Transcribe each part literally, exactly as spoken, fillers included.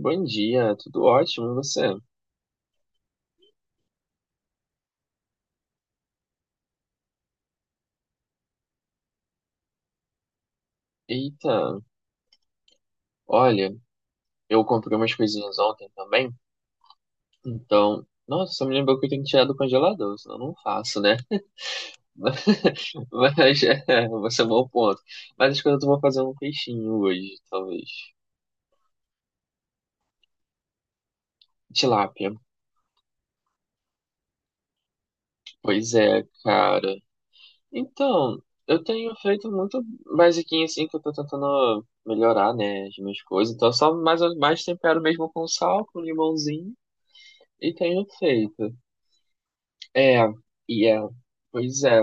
Bom dia, tudo ótimo, e você? Eita, olha, eu comprei umas coisinhas ontem também, então, nossa, só me lembrou que eu tenho que tirar do congelador, senão eu não faço, né? Mas, é, você é um bom ponto. Mas acho que eu vou fazer um peixinho hoje, talvez. Tilápia. Pois é, cara. Então, eu tenho feito muito basiquinho assim, que eu tô tentando melhorar, né, as minhas coisas, então só mais, mais tempero mesmo com sal, com limãozinho, e tenho feito. É, e é. Pois é.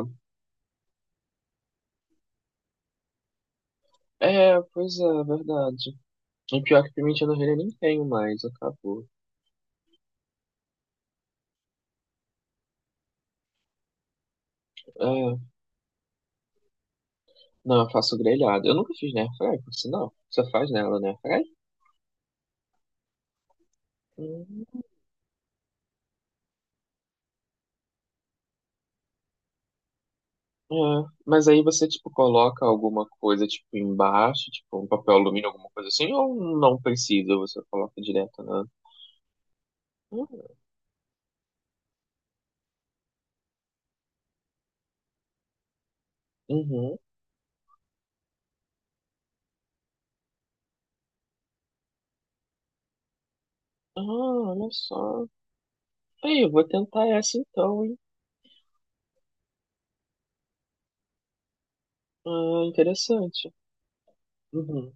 É, pois é, verdade. E pior que pimenta do reino eu nem tenho mais, acabou. É, não, eu faço grelhado. Eu nunca fiz na airfryer, por sinal. Você faz nela na airfryer? Hum. É, mas aí você, tipo, coloca alguma coisa, tipo, embaixo, tipo, um papel alumínio, alguma coisa assim, ou não precisa, você coloca direto na... Hum. Uhum. Ah, olha só. Aí, eu vou tentar essa então, hein? Ah, interessante. Uhum.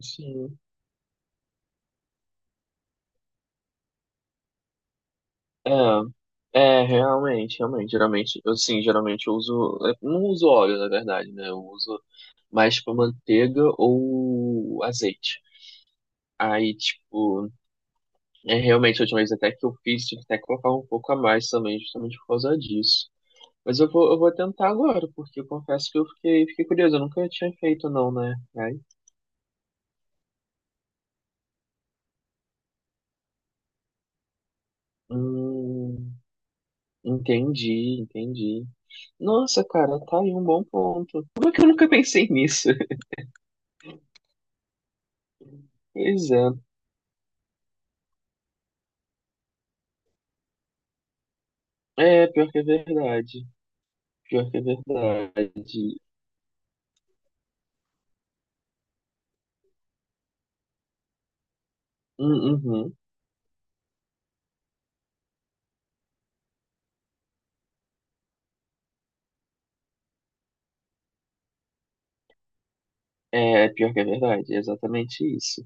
Sim. É, é, realmente, realmente, geralmente, eu sim, geralmente eu uso, eu não uso óleo, na verdade, né, eu uso mais, tipo, manteiga ou azeite. Aí, tipo, é realmente, a última vez até que eu fiz, tive até que colocar um pouco a mais também, justamente por causa disso. Mas eu vou, eu vou tentar agora, porque eu confesso que eu fiquei, fiquei curioso, eu nunca tinha feito não, né, aí, hum, entendi, entendi. Nossa, cara, tá aí um bom ponto. Como é que eu nunca pensei nisso? Pois é. É, pior que é verdade. Pior que é verdade. Hum. Uhum. É, pior que é verdade. É exatamente isso.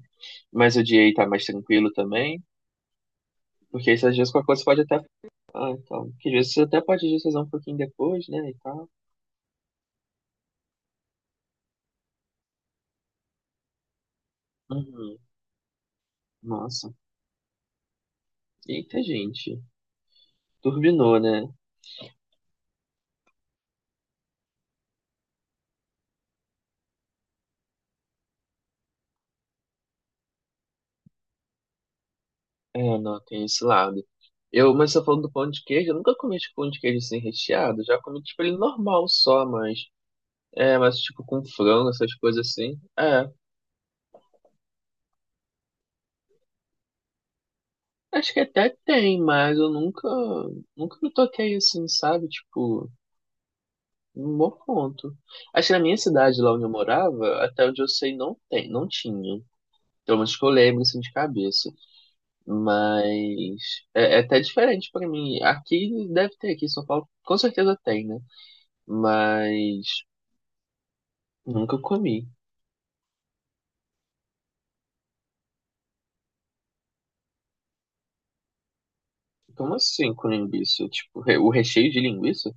Mas o dia aí tá mais tranquilo também, porque isso às vezes qualquer coisa pode até. Ah, então. Que às vezes você até pode fazer um pouquinho depois, né? E tal. Uhum. Nossa. Eita, gente. Turbinou, né? É, não, tem esse lado. Eu, mas você tá falando do pão de queijo, eu nunca comi tipo, pão de queijo sem recheado. Já comi tipo ele normal só, mas. É, mas tipo com frango, essas coisas assim. É. Acho que até tem, mas eu nunca, nunca me toquei assim, sabe? Tipo, num bom ponto. Acho que na minha cidade, lá onde eu morava, até onde eu sei, não tem, não tinha. Pelo menos que eu lembro, assim, de cabeça. Mas é, é até diferente pra mim. Aqui deve ter, aqui em São Paulo, com certeza tem, né? Mas nunca comi. Como assim com linguiça? Tipo, re- o recheio de linguiça?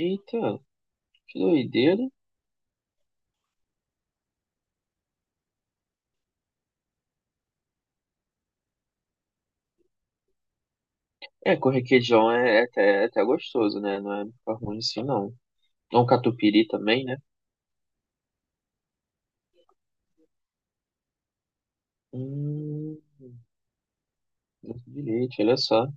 Eita, que doideira. É, com requeijão é, é até, é até gostoso, né? Não é ficar ruim assim, não. É um catupiry também, né? Hum, doce de leite, olha só.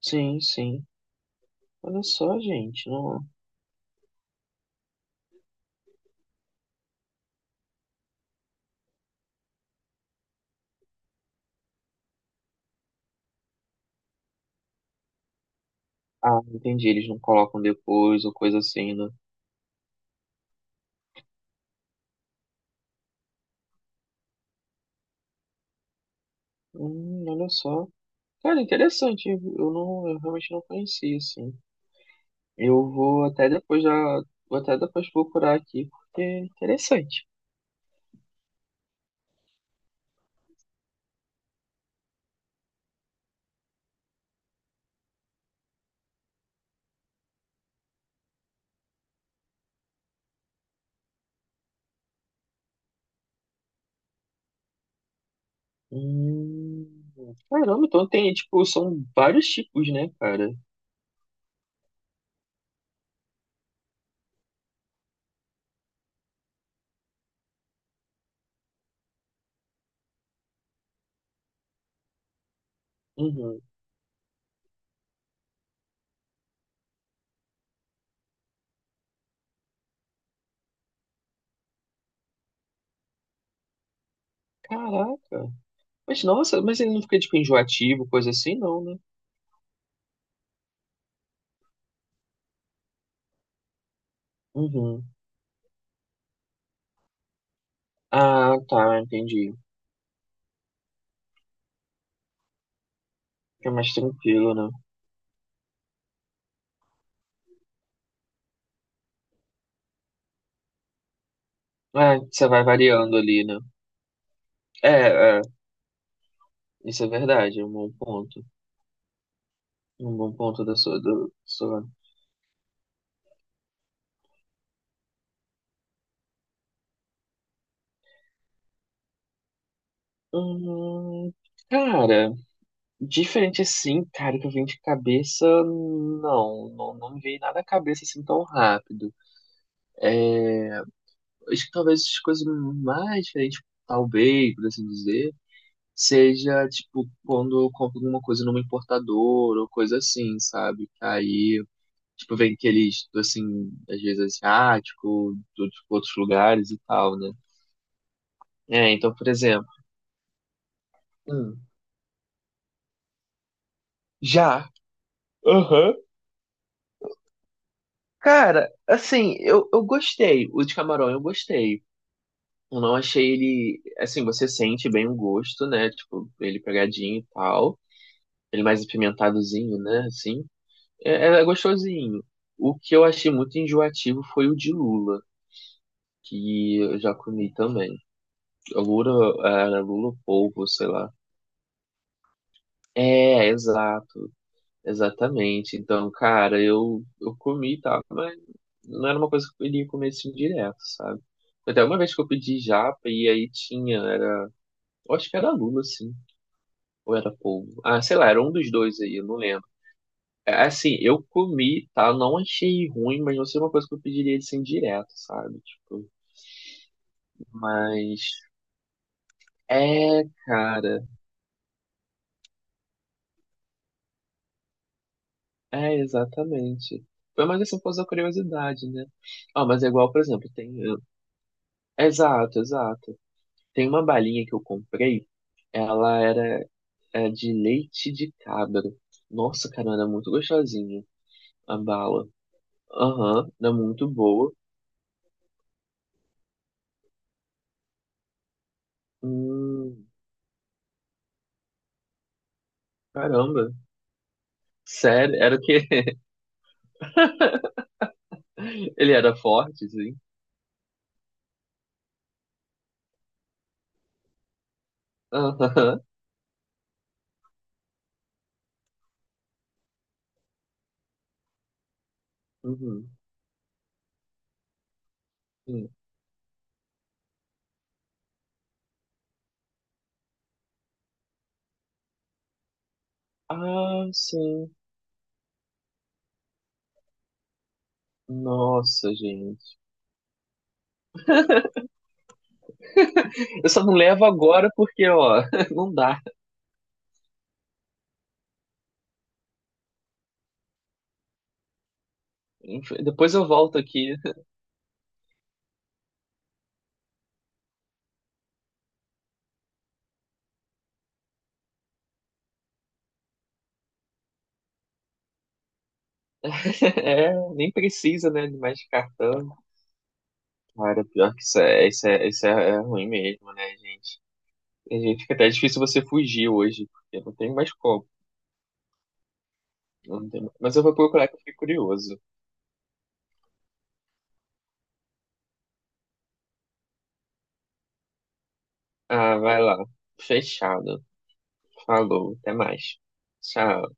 Sim, sim. Olha só, gente. Não... Ah, entendi. Eles não colocam depois ou coisa assim, né? Hum, olha só. Cara, interessante. Eu não, eu realmente não conhecia, assim. Eu vou até depois já, vou até depois procurar aqui, porque é interessante. Hum, caramba, então tem, tipo, são vários tipos, né, cara? Uhum. Caraca. Mas nossa, mas ele não fica tipo enjoativo, coisa assim, não, né? Uhum. Ah, tá, entendi. Fica mais tranquilo, né? É, você vai variando ali, né? É, é, isso é verdade, é um bom ponto. Um bom ponto da sua, do, sua. Hum, cara, diferente assim, cara, que eu vim de cabeça, não, não, não me veio nada à cabeça assim tão rápido. Acho que talvez as coisas mais diferentes, talvez, por assim dizer, seja, tipo, quando eu compro alguma coisa numa importadora ou coisa assim, sabe? Aí, tipo, vem aqueles, assim, às vezes asiático, de outros lugares e tal, né? É, então, por exemplo, hum, já. Aham. Cara, assim, eu, eu gostei. O de camarão eu gostei. Eu não achei ele. Assim, você sente bem o gosto, né? Tipo, ele pegadinho e tal. Ele mais apimentadozinho, né? Assim. É, é é gostosinho. O que eu achei muito enjoativo foi o de Lula, que eu já comi também. Lula, é, era Lula polvo, sei lá. É, exato. Exatamente. Então, cara, eu, eu comi tá, mas não era uma coisa que eu iria comer assim direto, sabe? Até uma vez que eu pedi japa e aí tinha, era. Eu acho que era Lula, sim. Ou era polvo. Ah, sei lá, era um dos dois aí, eu não lembro. É, é assim, eu comi, tá? Eu não achei ruim, mas não sei uma coisa que eu pediria de sem direto, sabe? Tipo, mas. É, cara. É, exatamente. Foi mais assim por causa da curiosidade, né? Ah, mas é igual, por exemplo, tem. Exato, exato. Tem uma balinha que eu comprei, ela era é, de leite de cabra. Nossa, cara, era muito gostosinha a bala. Aham, era muito boa. Hum, caramba. Sério, era o que ele era forte, sim. Aham. Uhum. Sim. Ah, sim. Nossa, gente. Eu só não levo agora porque, ó, não dá. Depois eu volto aqui. É, nem precisa, né, de mais cartão. Cara, pior que isso é, isso é, isso é é ruim mesmo, né, gente? A gente fica até é difícil você fugir hoje, porque não tem mais como. Não tem... mais. Mas eu vou procurar que eu fiquei curioso. Ah, vai lá. Fechado. Falou, até mais. Tchau.